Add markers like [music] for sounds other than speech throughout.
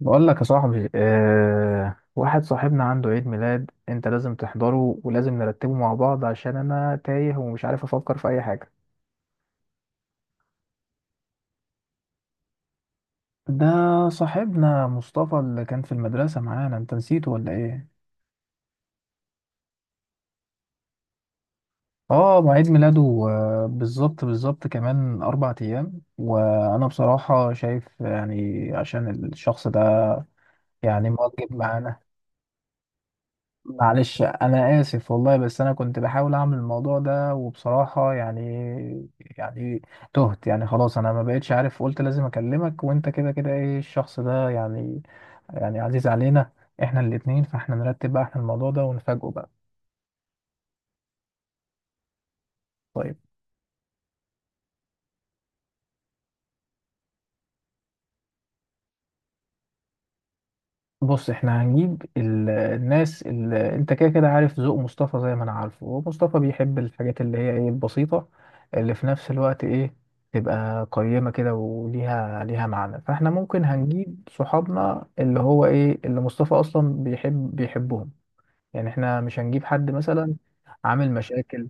بقول لك يا صاحبي، واحد صاحبنا عنده عيد ميلاد. انت لازم تحضره ولازم نرتبه مع بعض عشان انا تايه ومش عارف افكر في اي حاجة. ده صاحبنا مصطفى اللي كان في المدرسة معانا، انت نسيته ولا ايه؟ اه، ما عيد ميلاده بالظبط بالظبط كمان 4 ايام، وانا بصراحة شايف يعني عشان الشخص ده يعني مواجب معانا. معلش انا اسف والله، بس انا كنت بحاول اعمل الموضوع ده وبصراحة يعني يعني تهت يعني، خلاص انا ما بقتش عارف. قلت لازم اكلمك، وانت كده كده ايه، الشخص ده يعني عزيز علينا احنا الاتنين، فاحنا نرتب بقى احنا الموضوع ده ونفاجئه بقى. طيب بص، احنا هنجيب الناس اللي انت كده كده عارف ذوق مصطفى زي ما انا عارفه، ومصطفى بيحب الحاجات اللي هي ايه، البسيطة اللي في نفس الوقت ايه، تبقى قيمة كده وليها معنى. فاحنا ممكن هنجيب صحابنا اللي هو ايه، اللي مصطفى اصلا بيحب بيحبهم. يعني احنا مش هنجيب حد مثلا عامل مشاكل.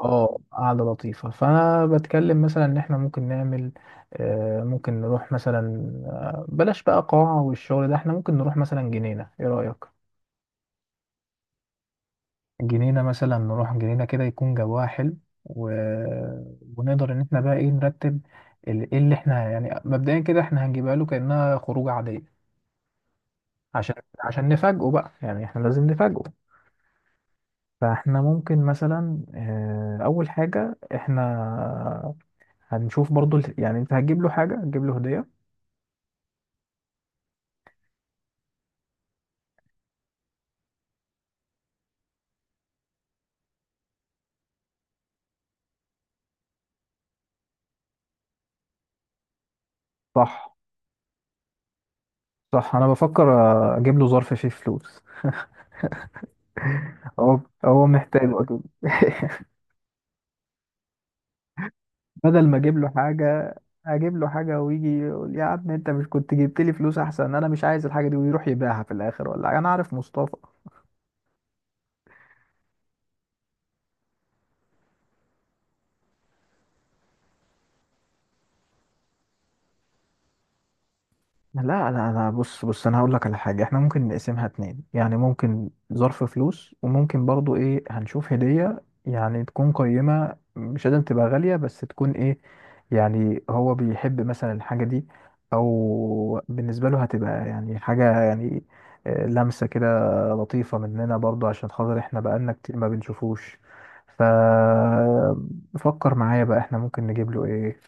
اه، قعدة لطيفة، فأنا بتكلم مثلا إن إحنا ممكن نعمل ممكن نروح مثلا بلاش بقى قاعة والشغل ده، إحنا ممكن نروح مثلا جنينة، إيه رأيك؟ جنينة مثلا، نروح جنينة كده يكون جواها حلو، و... ونقدر إن إحنا بقى إيه نرتب إيه اللي إحنا يعني مبدئيا كده إحنا هنجيبها له كأنها خروجة عادية. عشان نفاجئه بقى، يعني إحنا لازم نفاجئه. فإحنا ممكن مثلا أول حاجة إحنا هنشوف برضو يعني انت هتجيب له حاجة، هتجيب له هدية. صح، صح انا بفكر اجيب له ظرف فيه فلوس، هو محتاجه اكيد. [laughs] بدل ما اجيب له حاجة، اجيب له حاجة ويجي يقول يا عم انت مش كنت جبت لي فلوس احسن، انا مش عايز الحاجة دي ويروح يبيعها في الاخر ولا حاجة، انا عارف مصطفى. لا لا لا، بص انا هقول لك على حاجه، احنا ممكن نقسمها اتنين، يعني ممكن ظرف فلوس وممكن برضو ايه، هنشوف هديه يعني تكون قيمه، مش لازم تبقى غاليه بس تكون ايه يعني، هو بيحب مثلا الحاجه دي، او بالنسبه له هتبقى يعني حاجه يعني لمسه كده لطيفه مننا برضو عشان خاطر احنا بقالنا كتير ما بنشوفوش. ف فكر معايا بقى، احنا ممكن نجيب له ايه؟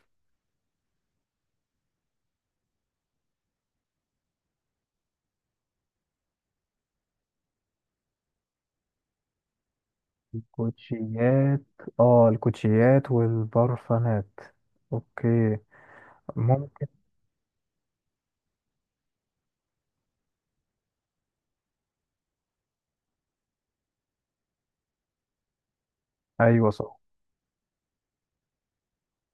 الكوتشيات. اه، الكوتشيات والبرفانات. اوكي، ممكن. ايوه صح.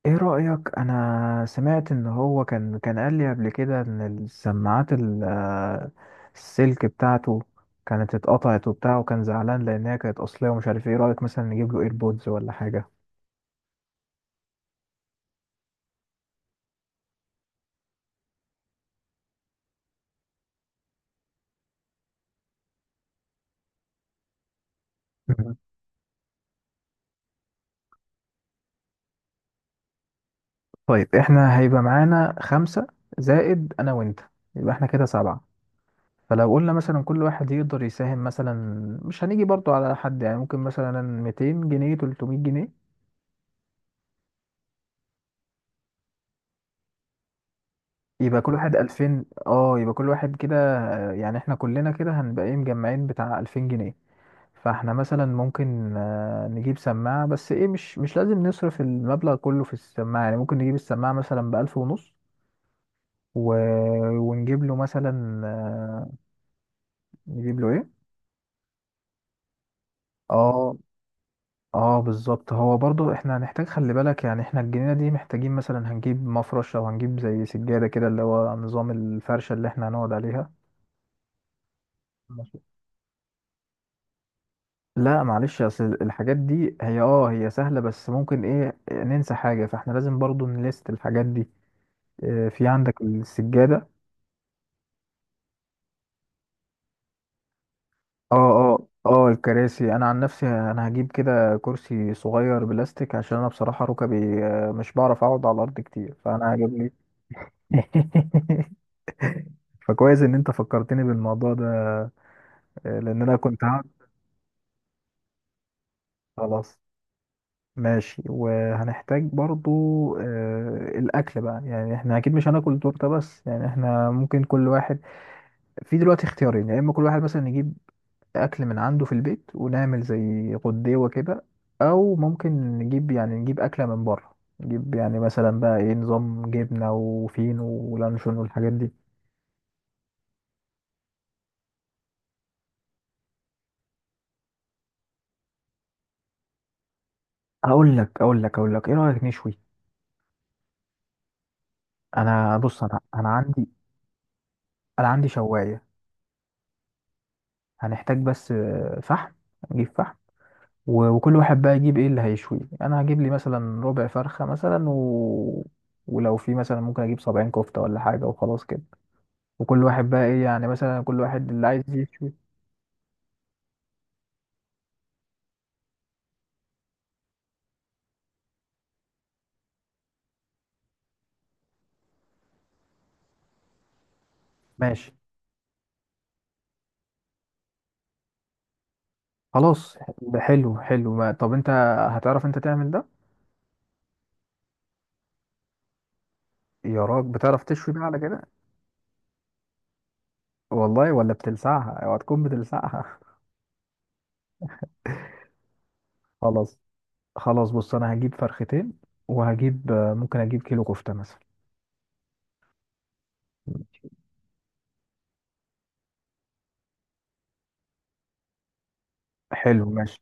ايه رأيك، انا سمعت ان هو كان قال لي قبل كده ان السماعات السلك بتاعته كانت اتقطعت وبتاع، وكان زعلان لانها كانت اصلية ومش عارف ايه، إيه رأيك مثلا نجيب له ايربودز ولا حاجة؟ مهم. طيب احنا هيبقى معانا 5 زائد انا وانت، يبقى احنا كده 7. فلو قلنا مثلا كل واحد يقدر يساهم مثلا، مش هنيجي برضو على حد يعني، ممكن مثلا 200 جنيه 300 جنيه، يبقى كل واحد 2000. اه يبقى كل واحد كده يعني احنا كلنا كده هنبقى ايه، مجمعين بتاع 2000 جنيه. فاحنا مثلا ممكن نجيب سماعة، بس ايه مش لازم نصرف المبلغ كله في السماعة، يعني ممكن نجيب السماعة مثلا بألف ونص، و... ونجيب له مثلا نجيب له ايه. اه اه بالظبط، هو برضو احنا هنحتاج، خلي بالك يعني احنا الجنينة دي محتاجين مثلا هنجيب مفرش او هنجيب زي سجادة كده، اللي هو نظام الفرشة اللي احنا هنقعد عليها. ماشي. لا معلش، اصل الحاجات دي هي اه هي سهلة بس ممكن ايه، ننسى حاجة، فاحنا لازم برضو نليست الحاجات دي. في عندك السجادة. اه اه اه، الكراسي، انا عن نفسي انا هجيب كده كرسي صغير بلاستيك عشان انا بصراحة ركبي مش بعرف اقعد على الارض كتير، فانا هجيب لي. [laughs] فكويس ان انت فكرتني بالموضوع ده، لان انا كنت هقعد. خلاص ماشي. وهنحتاج برضو الاكل بقى، يعني احنا اكيد مش هناكل تورته بس، يعني احنا ممكن كل واحد في دلوقتي اختيارين، يا اما كل واحد مثلا يجيب اكل من عنده في البيت ونعمل زي غديوه كده، او ممكن نجيب يعني نجيب اكله من بره، نجيب يعني مثلا بقى ايه، نظام جبنه وفينو ولانشون والحاجات دي. اقول لك ايه رايك نشوي؟ انا بص، انا عندي، انا عندي شوايه. هنحتاج بس فحم، نجيب فحم، وكل واحد بقى يجيب ايه اللي هيشويه، انا هجيب لي مثلا ربع فرخه مثلا ولو في مثلا ممكن اجيب 70 كفته ولا حاجه، وخلاص كده، وكل واحد بقى ايه يعني، مثلا كل واحد اللي عايز يشوي. ماشي. خلاص ده حلو حلو، ما... طب انت هتعرف انت تعمل ده؟ يا راجل، بتعرف تشوي بقى على كده؟ والله، ولا بتلسعها؟ اوعى تكون بتلسعها. [laughs] خلاص، خلاص بص، انا هجيب فرختين وهجيب ممكن اجيب كيلو كفته مثلا. حلو ماشي.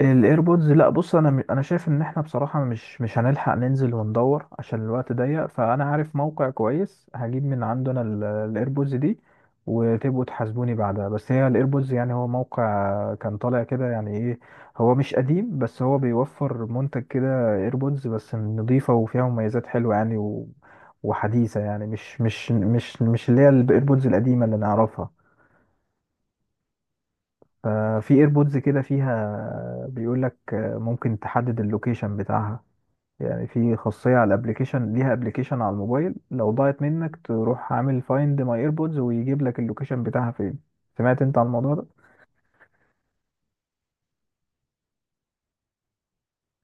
الايربودز، لا بص، انا انا شايف ان احنا بصراحه مش هنلحق ننزل وندور عشان الوقت ضيق، فانا عارف موقع كويس هجيب من عندنا الايربودز دي، وتبقوا تحاسبوني بعدها. بس هي الايربودز يعني هو موقع كان طالع كده يعني ايه، هو مش قديم بس هو بيوفر منتج كده ايربودز بس نظيفه، وفيها مميزات حلوه يعني وحديثه، يعني مش اللي هي الايربودز القديمه اللي نعرفها. ففي ايربودز كده فيها، بيقول لك ممكن تحدد اللوكيشن بتاعها، يعني في خاصية على الابليكيشن، ليها ابليكيشن على الموبايل، لو ضاعت منك تروح عامل فايند ماي ايربودز ويجيب لك اللوكيشن بتاعها فين. سمعت انت عن الموضوع ده؟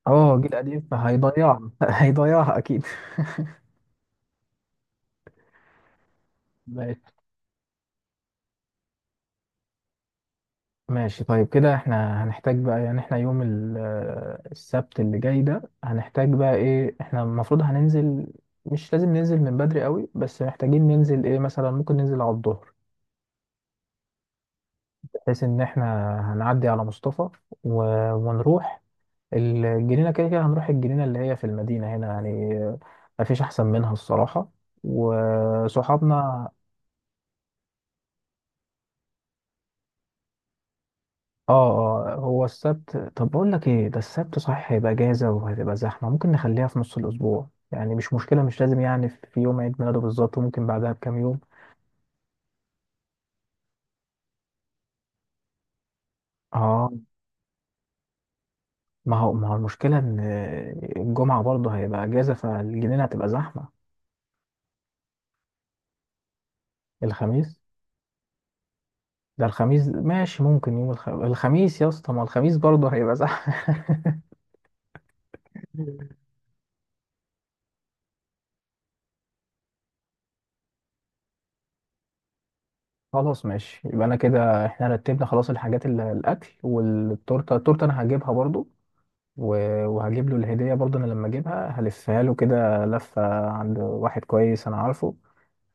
اه جيل قديم، فهيضيعها. [laughs] هيضيعها اكيد. [laughs] ماشي طيب، كده احنا هنحتاج بقى يعني، احنا يوم السبت اللي جاي ده هنحتاج بقى ايه احنا المفروض هننزل، مش لازم ننزل من بدري قوي بس محتاجين ننزل ايه، مثلا ممكن ننزل على الظهر، بحيث ان احنا هنعدي على مصطفى، و... ونروح الجنينة، كده كده هنروح الجنينة اللي هي في المدينة هنا يعني، مفيش احسن منها الصراحة وصحابنا. اه اه، هو السبت، طب بقول لك ايه، ده السبت صحيح هيبقى اجازه وهتبقى زحمه، ممكن نخليها في نص الاسبوع يعني، مش مشكله، مش لازم يعني في يوم عيد ميلاده بالظبط، وممكن بعدها بكام يوم. اه، ما هو المشكله ان الجمعه برضه هيبقى اجازه فالجنينه هتبقى زحمه. الخميس، ده الخميس ماشي، ممكن يوم الخميس يا اسطى، ما الخميس برضه هيبقى زحمه. [laughs] خلاص ماشي، يبقى انا كده احنا رتبنا خلاص الحاجات، اللي الاكل والتورته، التورته انا هجيبها برضو، وهجيب له الهدية برضه. أنا لما أجيبها هلفها له كده لفة عند واحد كويس أنا عارفه،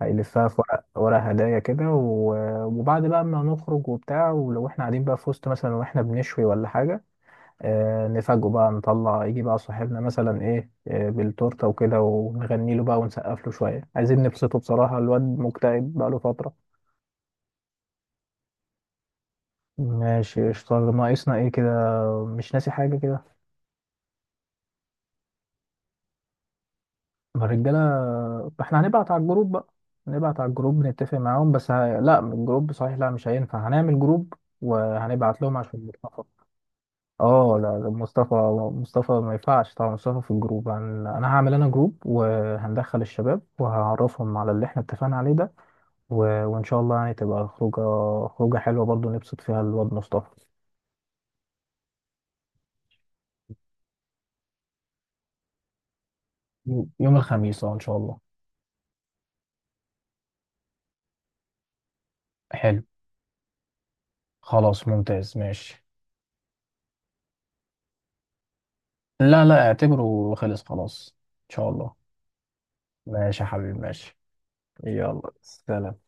هيلفها في ورق، ورق هدايا كده، وبعد بقى ما نخرج وبتاع، ولو احنا قاعدين بقى في وسط مثلا واحنا بنشوي ولا حاجة، آه نفاجئه بقى نطلع يجي بقى صاحبنا مثلا ايه آه بالتورتة وكده، ونغني له بقى ونسقف له شوية، عايزين نبسطه بصراحة، الواد مكتئب بقى له فترة. ماشي قشطة، ناقصنا ايه كده؟ مش ناسي حاجة كده؟ ما الرجاله، احنا هنبعت على الجروب بقى، هنبعت على الجروب نتفق معاهم. بس لا، من الجروب صحيح لا مش هينفع، هنعمل جروب وهنبعت لهم عشان مصطفى. اه لا لا، مصطفى، ما ينفعش طبعا مصطفى في الجروب، انا هعمل انا جروب وهندخل الشباب وهعرفهم على اللي احنا اتفقنا عليه ده، و... وان شاء الله يعني تبقى خروجه، خروجه حلوه برضو نبسط فيها الواد مصطفى. يوم الخميس اه ان شاء الله. حلو خلاص ممتاز ماشي. لا لا، اعتبره خلص خلاص، ان شاء الله. ماشي يا حبيبي ماشي. يلا سلام.